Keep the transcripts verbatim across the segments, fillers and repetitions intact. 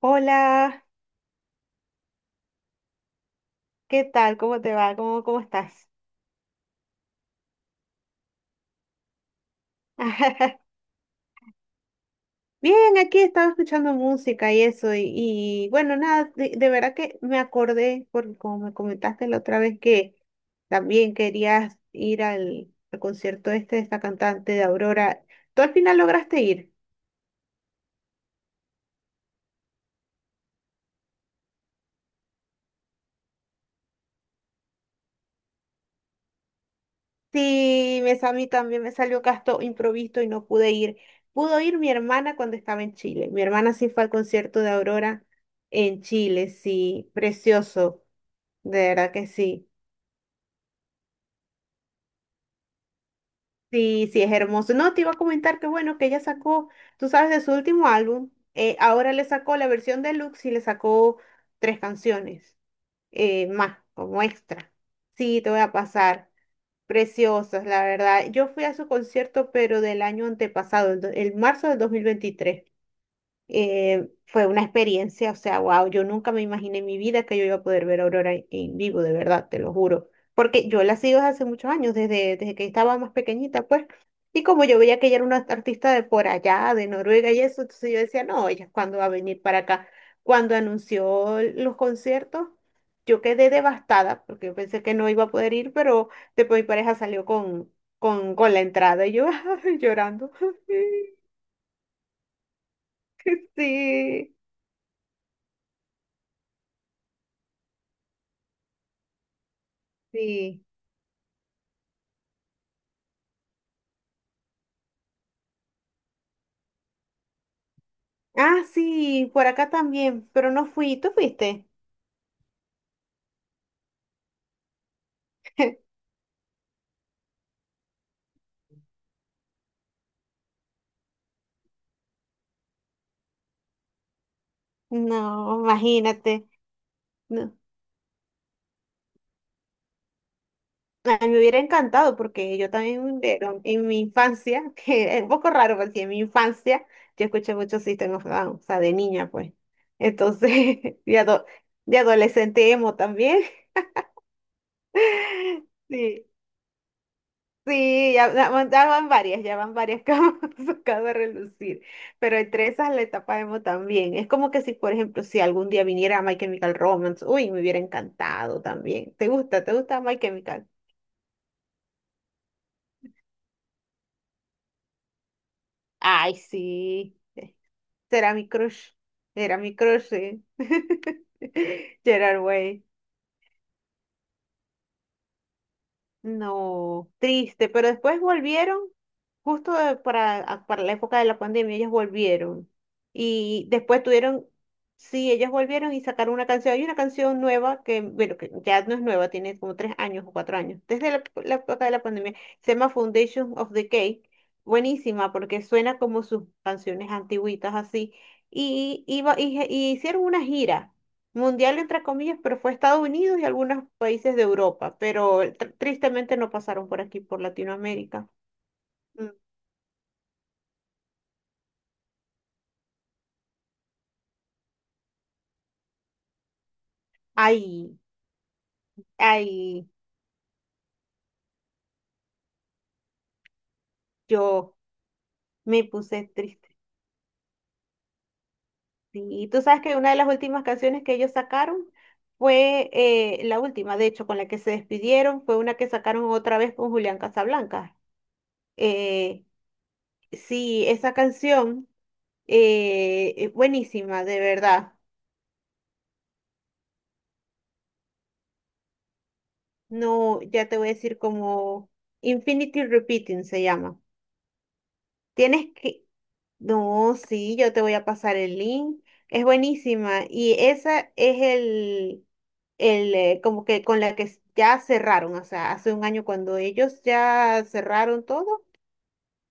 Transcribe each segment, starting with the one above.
Hola, ¿qué tal? ¿Cómo te va? ¿Cómo, cómo estás? Bien, aquí estaba escuchando música y eso, y, y bueno, nada, de, de verdad que me acordé, porque como me comentaste la otra vez que también querías ir al, al concierto este de esta cantante de Aurora, ¿tú al final lograste ir? Sí, me, sa- a mí también me salió gasto improvisto y no pude ir. Pudo ir mi hermana cuando estaba en Chile. Mi hermana sí fue al concierto de Aurora en Chile, sí, precioso. De verdad que sí. Sí, sí, es hermoso. No, te iba a comentar que bueno, que ella sacó, tú sabes, de su último álbum, eh, ahora le sacó la versión deluxe y le sacó tres canciones eh, más, como extra. Sí, te voy a pasar. Preciosas, la verdad. Yo fui a su concierto, pero del año antepasado, el, do- el marzo del dos mil veintitrés eh, fue una experiencia, o sea, wow, yo nunca me imaginé en mi vida que yo iba a poder ver a Aurora en en vivo, de verdad, te lo juro. Porque yo la sigo desde hace muchos años, desde, desde que estaba más pequeñita, pues. Y como yo veía que ella era una artista de por allá, de Noruega y eso, entonces yo decía, no, ella cuándo va a venir para acá. Cuando anunció los conciertos, yo quedé devastada, porque yo pensé que no iba a poder ir, pero después mi pareja salió con, con, con la entrada y yo llorando. Sí, sí. Ah, sí, por acá también, pero no fui. ¿Tú fuiste? No, imagínate. No. A mí me hubiera encantado porque yo también pero en mi infancia, que es un poco raro porque en mi infancia yo escuché mucho System of Down, o sea, de niña pues. Entonces, de, ado- de adolescente emo también. Sí. Sí, ya, ya van ya van varias, ya van varias que hemos sacado a relucir, pero entre esas la etapa emo también. Es como que si, por ejemplo, si algún día viniera My Chemical Romance, uy, me hubiera encantado también. ¿Te gusta? ¿Te gusta My Chemical? Ay, sí, será mi crush, era mi crush, sí. Gerard Way. No, triste, pero después volvieron, justo de- para, a- para la época de la pandemia, ellos volvieron. Y después tuvieron, sí, ellos volvieron y sacaron una canción. Hay una canción nueva que, bueno, que ya no es nueva, tiene como tres años o cuatro años, desde la, la época de la pandemia, se llama Foundation of the Cake. Buenísima, porque suena como sus canciones antiguitas así. Y, iba, y y hicieron una gira. Mundial entre comillas, pero fue Estados Unidos y algunos países de Europa, pero tr- tristemente no pasaron por aquí, por Latinoamérica. Mm. Ay, ay, yo me puse triste. Sí, y tú sabes que una de las últimas canciones que ellos sacaron fue eh, la última, de hecho, con la que se despidieron, fue una que sacaron otra vez con Julián Casablanca. Eh, sí, esa canción, eh, es buenísima, de verdad. No, ya te voy a decir como Infinity Repeating se llama. Tienes que... No, sí, yo te voy a pasar el link. Es buenísima. Y esa es el, el eh, como que con la que s- ya cerraron. O sea, hace un año cuando ellos ya cerraron todo.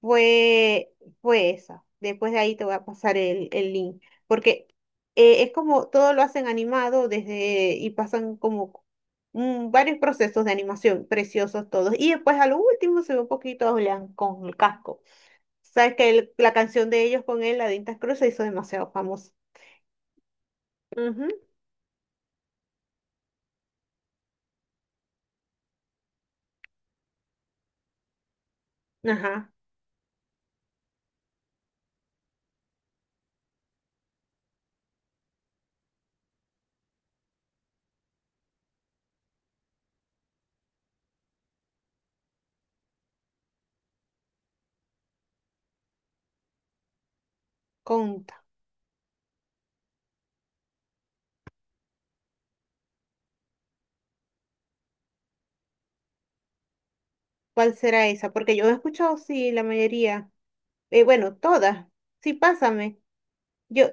Fue, fue esa. Después de ahí te voy a pasar el, el link. Porque eh, es como todo lo hacen animado desde y pasan como mm, varios procesos de animación, preciosos todos. Y después a lo último se ve un poquito a Julián con el casco. Sabes que el- la canción de ellos con él, la de Intas Cruz, se hizo demasiado famosa. Ujú. Ajá. Conta. ¿Cuál será esa? Porque yo he escuchado, sí, la mayoría. Eh, bueno, todas. Sí, pásame. Yo,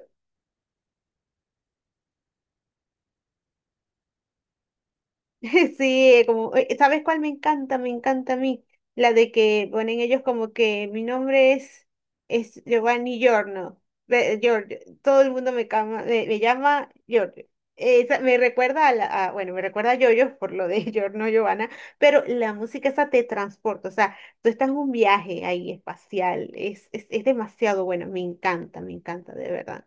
sí, como, eh, ¿sabes cuál me encanta? Me encanta a mí. La de que ponen ellos como que mi nombre es, es Giovanni Giorno. Ve- Giorgio. Todo el mundo me, cama- me, me llama Giorgio. Esa, me recuerda a, la, a- bueno, me recuerda a Yoyo por lo de Giorno Giovanna, pero la música esa te transporta. O sea, tú estás en un viaje ahí espacial. Es, es, es demasiado bueno. Me encanta, me encanta, de verdad.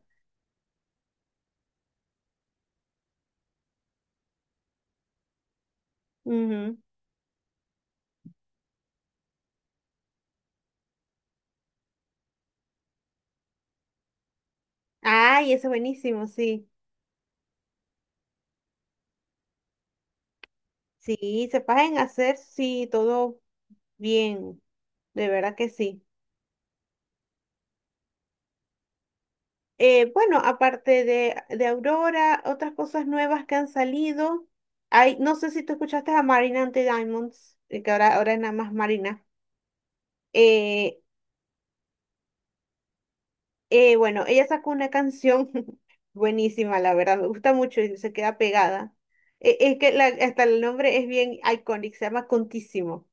Ujú. Ay, eso es buenísimo, sí. Sí, se pueden hacer, sí, todo bien, de verdad que sí. Eh, bueno, aparte de, de Aurora, otras cosas nuevas que han salido. Hay, no sé si tú escuchaste a Marina Ante Diamonds, eh, que ahora, ahora es nada más Marina. Eh, eh, bueno, ella sacó una canción buenísima, la verdad, me gusta mucho y se queda pegada. Eh, es que la- hasta el nombre es bien icónico, se llama Contísimo.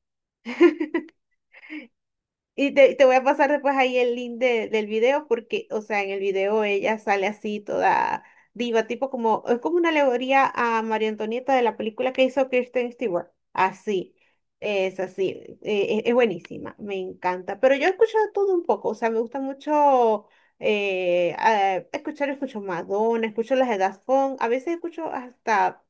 Y te, te voy a pasar después ahí el link de- del video porque, o sea, en el video ella sale así toda diva, tipo como, es como una alegoría a María Antonieta de la película que hizo Kristen Stewart. Así, es así, eh, es, es buenísima, me encanta. Pero yo he escuchado todo un poco, o sea, me gusta mucho eh, ah, escuchar, escucho Madonna, escucho las de Daft Punk, a veces escucho hasta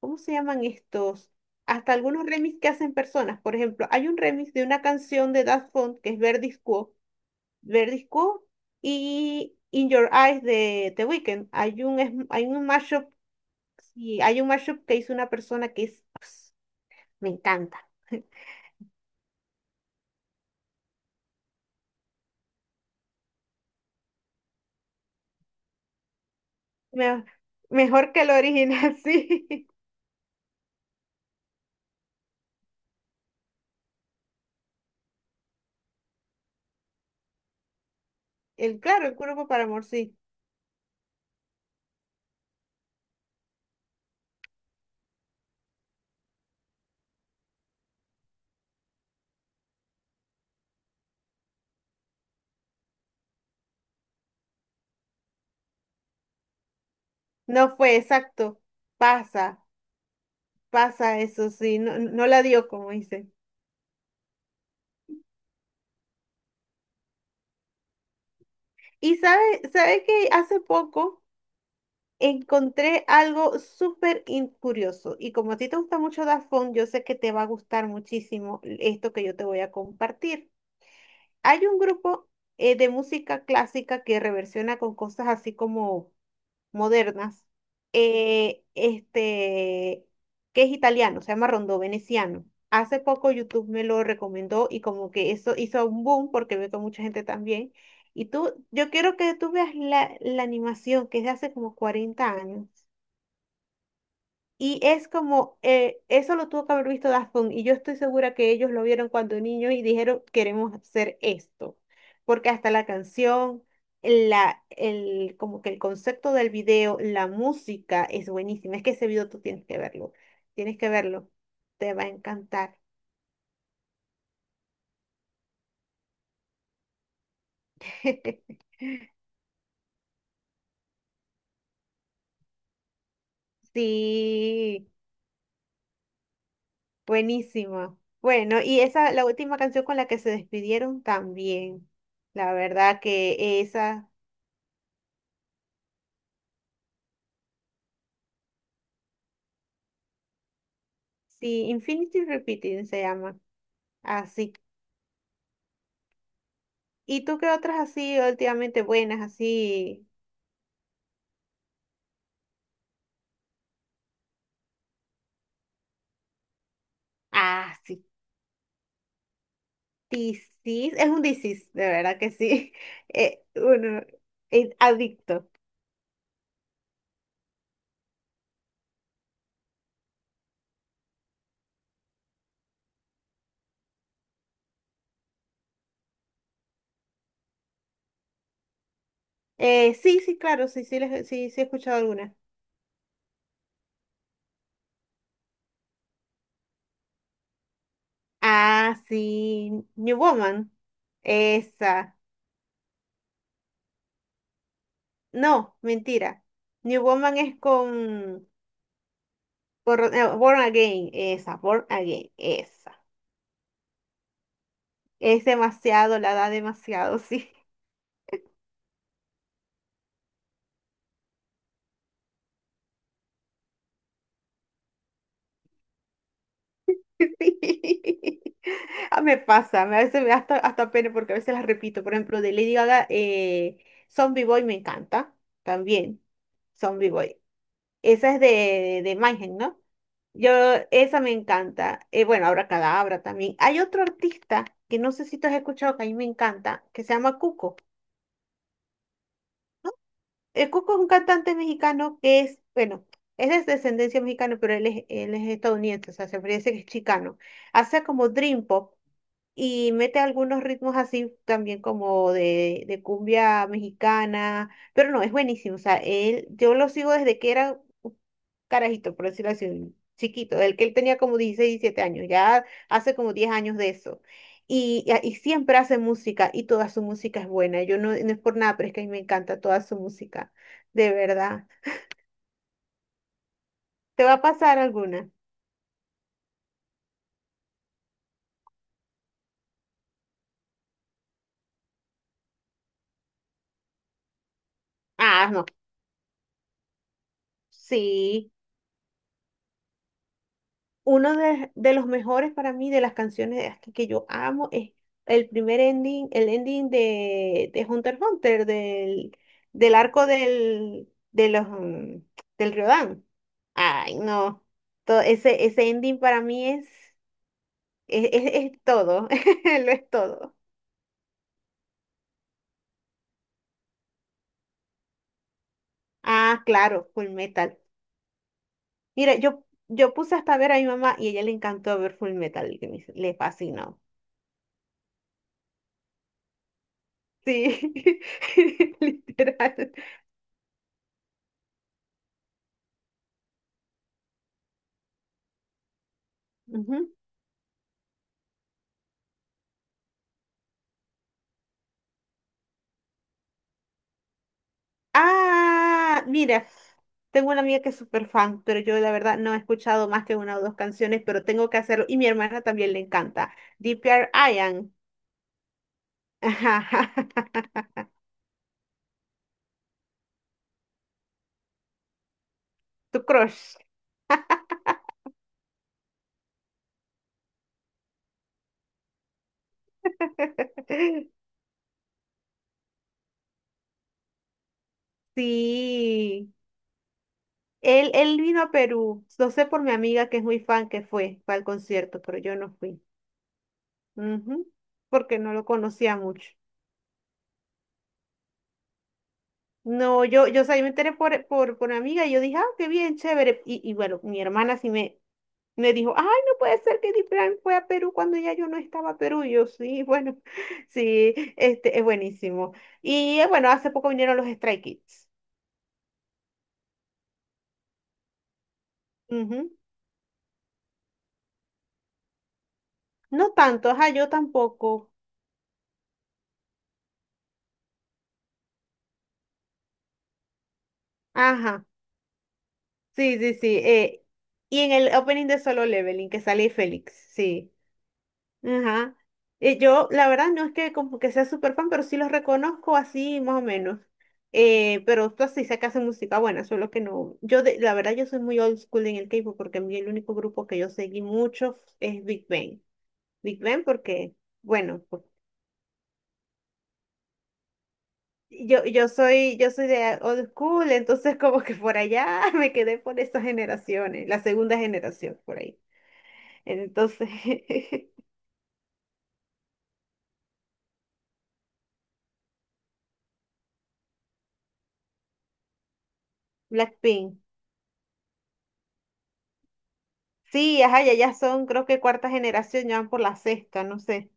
¿cómo se llaman estos? Hasta algunos remix que hacen personas. Por ejemplo, hay un remix de una canción de Daft Punk que es Verdis Quo, Verdis Quo y In Your Eyes de The Weeknd. Hay un, es- hay un mashup, sí, hay un mashup que hizo una persona que es, ps, me encanta. Me- mejor que el original, sí. El claro, el cuerpo para amor, sí. No fue exacto. Pasa, pasa eso, sí. No, no la dio, como dice. Y sabe, sabe que hace poco. Encontré algo súper in- curioso y como a ti te gusta mucho Daft Punk, yo sé que te va a gustar muchísimo esto que yo te voy a compartir. Hay un grupo eh, de música clásica que reversiona con cosas así como modernas, eh, este, que es italiano, se llama Rondó Veneciano. Hace poco YouTube me lo recomendó y como que eso hizo un boom porque veo que mucha gente también. Y tú, yo quiero que tú veas la, la animación que es de hace como cuarenta años. Y es como, eh, eso lo tuvo que haber visto Daft Punk, y yo estoy segura que ellos lo vieron cuando niños y dijeron, queremos hacer esto, porque hasta la canción, la, el, como que el concepto del video, la música es buenísima, es que ese video tú tienes que verlo, tienes que verlo, te va a encantar. Sí, buenísima. Bueno, y esa, la última canción con la que se despidieron también, la verdad que esa, sí, Infinity Repeating se llama. Así. ¿Y tú qué otras así últimamente buenas, así? Ah, sí. Disis. Es un disis, de verdad que sí. Eh, uno, eh, adicto. Eh, sí, sí, claro, sí, sí, les- sí, sí he escuchado alguna. Ah, sí. New Woman. Esa. No, mentira. New Woman es con, con Ro- eh, Born Again. Esa, Born Again. Esa. Es demasiado, la da demasiado, sí. Sí. Ah, me pasa, me- a veces me da hasta, hasta pena porque a veces las repito. Por ejemplo, de Lady Gaga, eh, Zombie Boy me encanta también. Zombie Boy. Esa es de, de Mayhem, ¿no? Yo, esa me encanta. Eh, bueno, ahora Cadabra también. Hay otro artista que no sé si tú has escuchado, que a mí me encanta, que se llama Cuco. El Cuco es un cantante mexicano que es, bueno, es de descendencia mexicana, pero él es, él es estadounidense, o sea, se parece que es chicano. Hace como Dream Pop. Y mete algunos ritmos así también como de, de cumbia mexicana, pero no, es buenísimo, o sea, él, yo lo sigo desde que era un carajito, por decirlo así, un chiquito, el que él tenía como dieciséis diecisiete años, ya hace como diez años de eso. Y, y, y siempre hace música y toda su música es buena. Yo no, no es por nada, pero es que a mí me encanta toda su música, de verdad. ¿Te va a pasar alguna? Ah, no. Sí. Uno de, de los mejores para mí de las canciones de Aska que yo amo es el primer ending, el ending de, de Hunter x Hunter, del, del arco del, de los, mm, del Riodán. Ay, no. To- ese, ese ending para mí es, es, es, es todo. Lo es todo. Ah, claro, Full Metal. Mira, yo, yo puse hasta a ver a mi mamá y a ella le encantó ver Full Metal, que me- le fascinó. Sí, literal. Ujú. Ah, mira, tengo una amiga que es súper fan, pero yo la verdad no he escuchado más que una o dos canciones, pero tengo que hacerlo. Y mi hermana también le encanta. Deeper Ian. Tu crush. Sí. Él, él vino a Perú. Lo sé por mi amiga que es muy fan que fue, fue al concierto, pero yo no fui. Ujú. Porque no lo conocía mucho. No, yo, yo, o sea, yo me enteré por, por, por mi amiga y yo dije, ah, qué bien, chévere. Y, y bueno, mi hermana sí me, Me dijo, ay, no puede ser que Diplan fue a Perú cuando ya yo no estaba a Perú. Y yo, sí, bueno, sí, este, es buenísimo. Y eh, bueno, hace poco vinieron los Stray Kids. Ujú. No tanto, ajá, yo tampoco. Ajá, sí, sí, sí. Eh, y en el opening de Solo Leveling, que sale Félix, sí. Ajá. Y yo, la verdad, no es que como que sea súper fan, pero sí los reconozco así, más o menos. Eh, pero tú sí sé que hacen música buena, solo que no. Yo, de, la verdad, yo soy muy old school en el K-pop porque a mí el único grupo que yo seguí mucho es Big Bang. Big Bang porque, bueno, pues, yo, yo soy, yo soy de old school, entonces como que por allá me quedé por estas generaciones, la segunda generación por ahí. Entonces, Blackpink. Sí, ajá, ya, ya son, creo que cuarta generación, ya van por la sexta, no sé.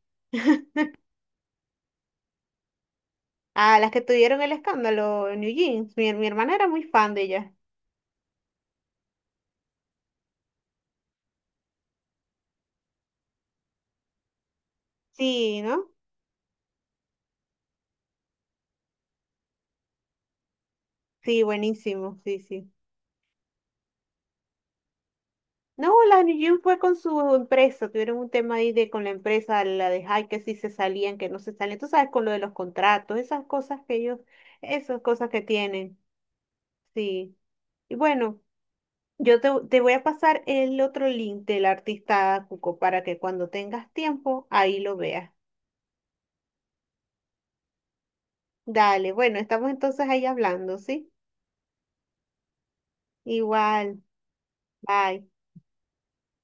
Ah, las que tuvieron el escándalo en New Jeans. Mi, mi hermana era muy fan de ella. Sí, ¿no? Sí, buenísimo, sí, sí. No, la New Jeans fue con su empresa, tuvieron un tema ahí de con la empresa, la de High, que sí se salían, que no se salían. Tú sabes, con lo de los contratos, esas cosas que ellos, esas cosas que tienen. Sí. Y bueno, yo te, te voy a pasar el otro link del artista Cuco para que cuando tengas tiempo, ahí lo veas. Dale, bueno, estamos entonces ahí hablando, ¿sí? Igual, bye.